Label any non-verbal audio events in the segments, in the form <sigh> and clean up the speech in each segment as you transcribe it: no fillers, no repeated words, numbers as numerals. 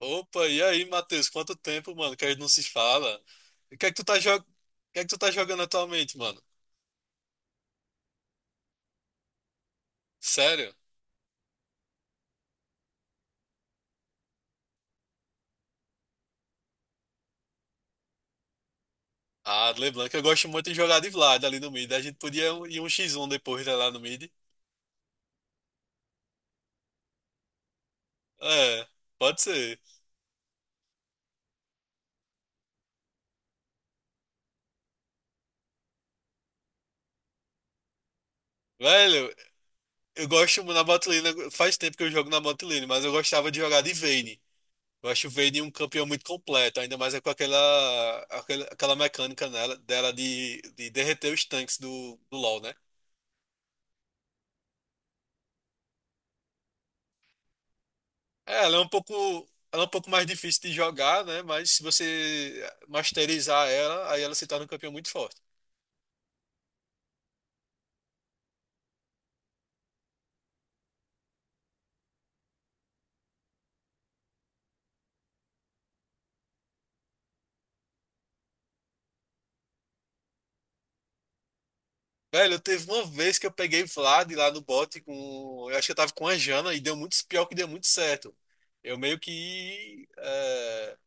Opa, e aí, Matheus? Quanto tempo, mano, que a gente não se fala? E O que é que tu tá, jo... o que é que tu tá jogando atualmente, mano? Sério? Ah, LeBlanc, eu gosto muito de jogar de Vlad ali no mid. A gente podia ir um x1 depois, né, lá no mid. É, pode ser. Velho, eu gosto na bot lane, faz tempo que eu jogo na bot lane, mas eu gostava de jogar de Vayne. Eu acho o Vayne um campeão muito completo, ainda mais é com aquela mecânica nela, dela de derreter os tanques do LoL, né? É, ela é um pouco mais difícil de jogar, né? Mas se você masterizar ela, aí ela se torna um campeão muito forte. Velho, eu teve uma vez que eu peguei Vlad lá no bot com. Eu acho que eu tava com a Jana e deu muito pior que deu muito certo. Eu meio que. É,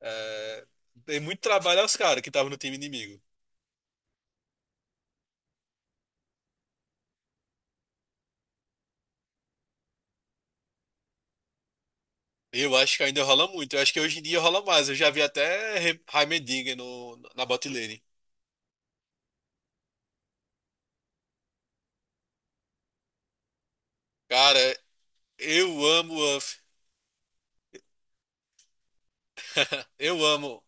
é, dei muito trabalho aos caras que estavam no time inimigo. Eu acho que ainda rola muito. Eu acho que hoje em dia rola mais. Eu já vi até Heimerdinger no, na bot lane. Cara, eu amo o Uff. <laughs> Eu amo.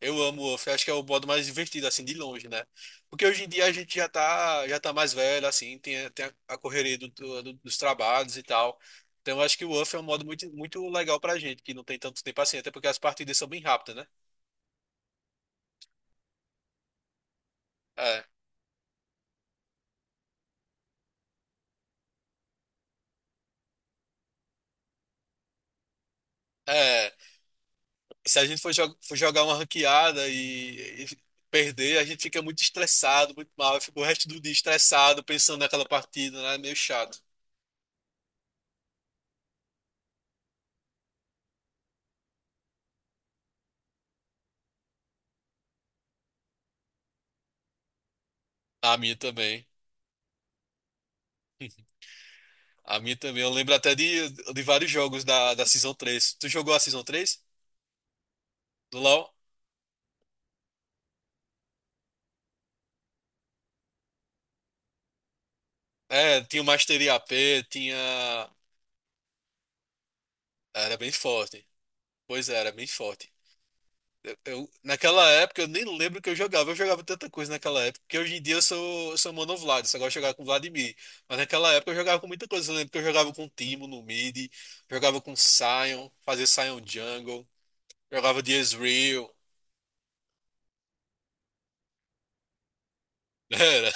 Eu amo o Wolf, acho que é o modo mais divertido, assim, de longe, né? Porque hoje em dia a gente já tá mais velho, assim, tem a correria dos trabalhos e tal. Então eu acho que o Wolf é um modo muito, muito legal pra gente, que não tem tanto tempo assim, até porque as partidas são bem rápidas, né? É, é. Se a gente for, for jogar uma ranqueada e perder, a gente fica muito estressado, muito mal, fica o resto do dia estressado, pensando naquela partida, né? É meio chato. A minha também. A minha também. Eu lembro até de vários jogos da Season três. Tu jogou a Season 3 do LoL? É, tinha o Mastery AP, tinha. Era bem forte. Pois é, era bem forte. Naquela época eu nem lembro o que eu jogava. Eu jogava tanta coisa naquela época. Porque hoje em dia eu sou mono Vlad, só gosto de jogar com Vladimir. Mas naquela época eu jogava com muita coisa. Eu lembro que eu jogava com Timo no mid, jogava com Sion, fazia Sion Jungle, jogava de Ezreal. <laughs> era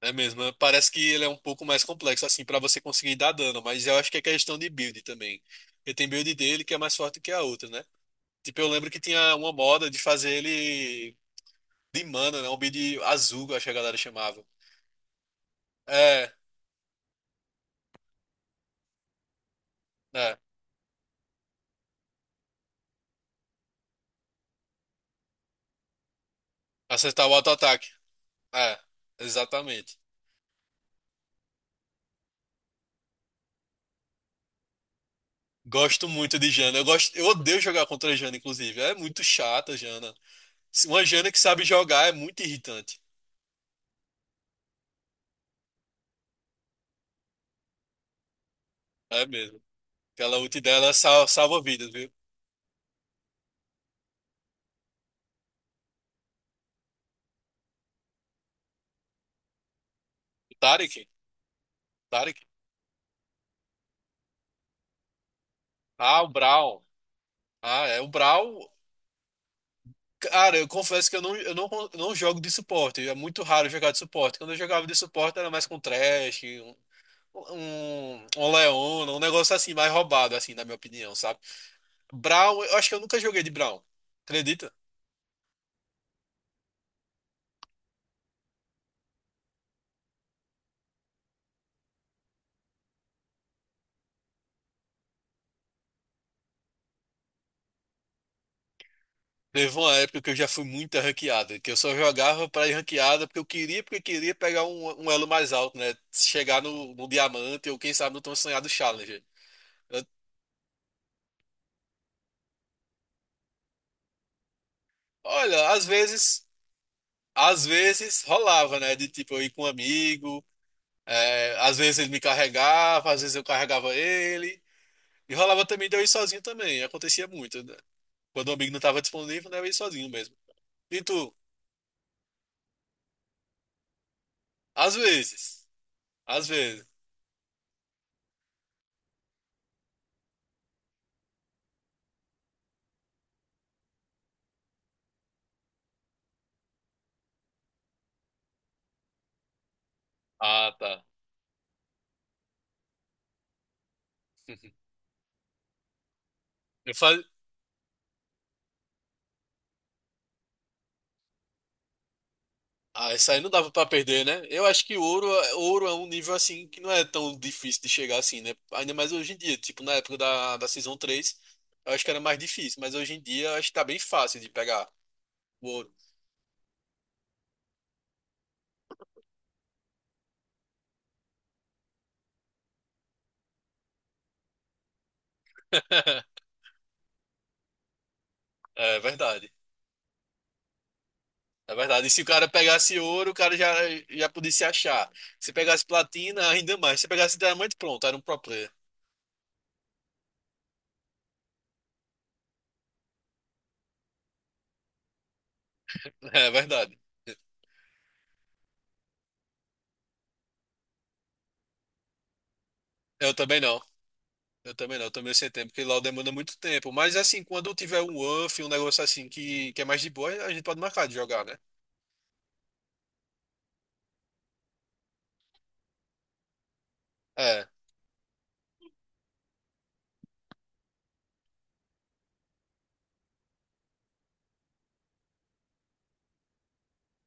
É mesmo, é, parece que ele é um pouco mais complexo, assim, pra você conseguir dar dano, mas eu acho que é questão de build também. Porque tem build dele que é mais forte que a outra, né? Tipo, eu lembro que tinha uma moda de fazer ele de mana, né? Um build azul, eu acho que a galera chamava. É, é. Acertar o auto-ataque. É, exatamente. Gosto muito de Jana. Eu gosto, eu odeio jogar contra a Jana, inclusive. É muito chata, a Jana. Uma Jana que sabe jogar é muito irritante. É mesmo. Aquela ult dela salva vidas, viu? O Taric. Tarek. Ah, o Brawl. Ah, é. O Brawl. Cara, eu confesso que eu não jogo de suporte. É muito raro jogar de suporte. Quando eu jogava de suporte era mais com Thresh, um Leona, um negócio assim, mais roubado, assim, na minha opinião, sabe? Brawl, eu acho que eu nunca joguei de Brawl. Acredita? Teve uma época que eu já fui muito ranqueada, que eu só jogava pra ir ranqueada porque eu queria, porque queria pegar um elo mais alto, né? Chegar no diamante ou quem sabe no tão sonhado Challenger. Eu- Olha, às vezes. Às vezes rolava, né? De tipo, eu ir com um amigo, é, às vezes ele me carregava, às vezes eu carregava ele. E rolava também de eu ir sozinho também, acontecia muito, né? Quando o amigo não estava disponível, né, eu ia sozinho mesmo. E tu? Às vezes. Às vezes. Ah, tá. Eu faz... Ah, isso aí não dava pra perder, né? Eu acho que ouro, ouro é um nível assim que não é tão difícil de chegar assim, né? Ainda mais hoje em dia, tipo na época da Season três. Eu acho que era mais difícil, mas hoje em dia eu acho que tá bem fácil de pegar o ouro. <laughs> É verdade. É verdade. E se o cara pegasse ouro, o cara já podia se achar. Se pegasse platina, ainda mais. Se pegasse diamante, pronto, era um pro player. <laughs> É verdade. Eu também não. Eu também não. Eu também sem tempo, porque lá demanda muito tempo. Mas assim, quando tiver um UF, um negócio assim que é mais de boa, a gente pode marcar de jogar, né? É,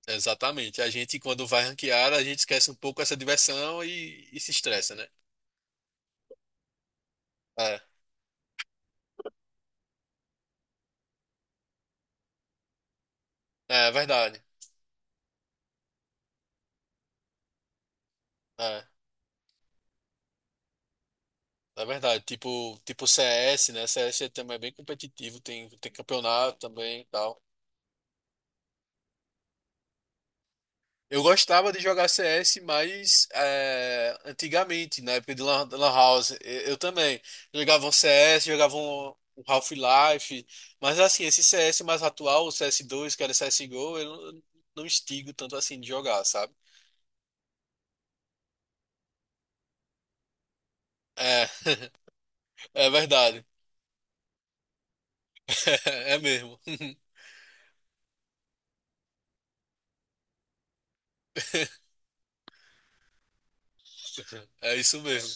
exatamente. A gente, quando vai ranquear, a gente esquece um pouco essa diversão e se estressa, né? É, é verdade. É. Na verdade, tipo CS, né? CS é também bem competitivo, tem campeonato também e tal. Eu gostava de jogar CS, mas antigamente, na época de Lan, da Lan House. Eu também. Jogava um CS, jogava um Half-Life. Mas assim, esse CS mais atual, o CS2, que era CSGO, eu não instigo tanto assim de jogar, sabe? É, <laughs> é verdade. <laughs> É mesmo. <laughs> É isso mesmo.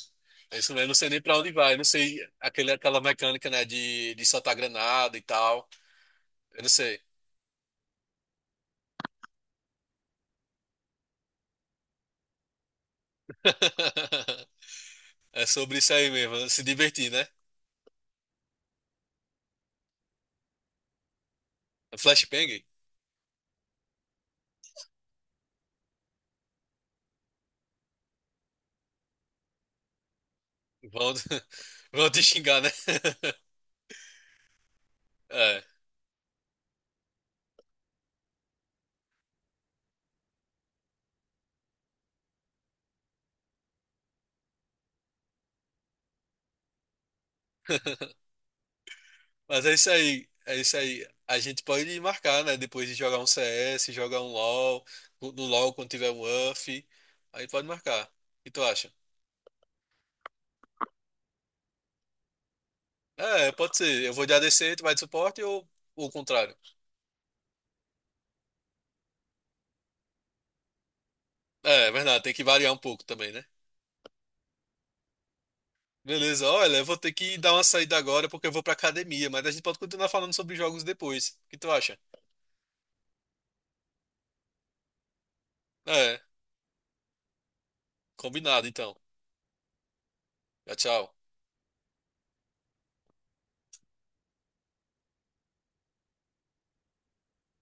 É isso mesmo, eu não sei nem pra onde vai, eu não sei aquele, aquela mecânica, né, de soltar granada e tal. Eu não sei. <laughs> É sobre isso aí mesmo, se divertir, né? Flashbang? Vão, <laughs> vão te xingar, né? <laughs> É, mas é isso aí, é isso aí. A gente pode marcar, né? Depois de jogar um CS, jogar um LoL, no LoL quando tiver um UF, aí pode marcar. O que tu acha? É, pode ser. Eu vou de ADC, tu vai de suporte ou o contrário? É, é verdade, tem que variar um pouco também, né? Beleza, olha, eu vou ter que dar uma saída agora porque eu vou pra academia, mas a gente pode continuar falando sobre jogos depois. O que tu acha? É, combinado então. Tchau, tchau.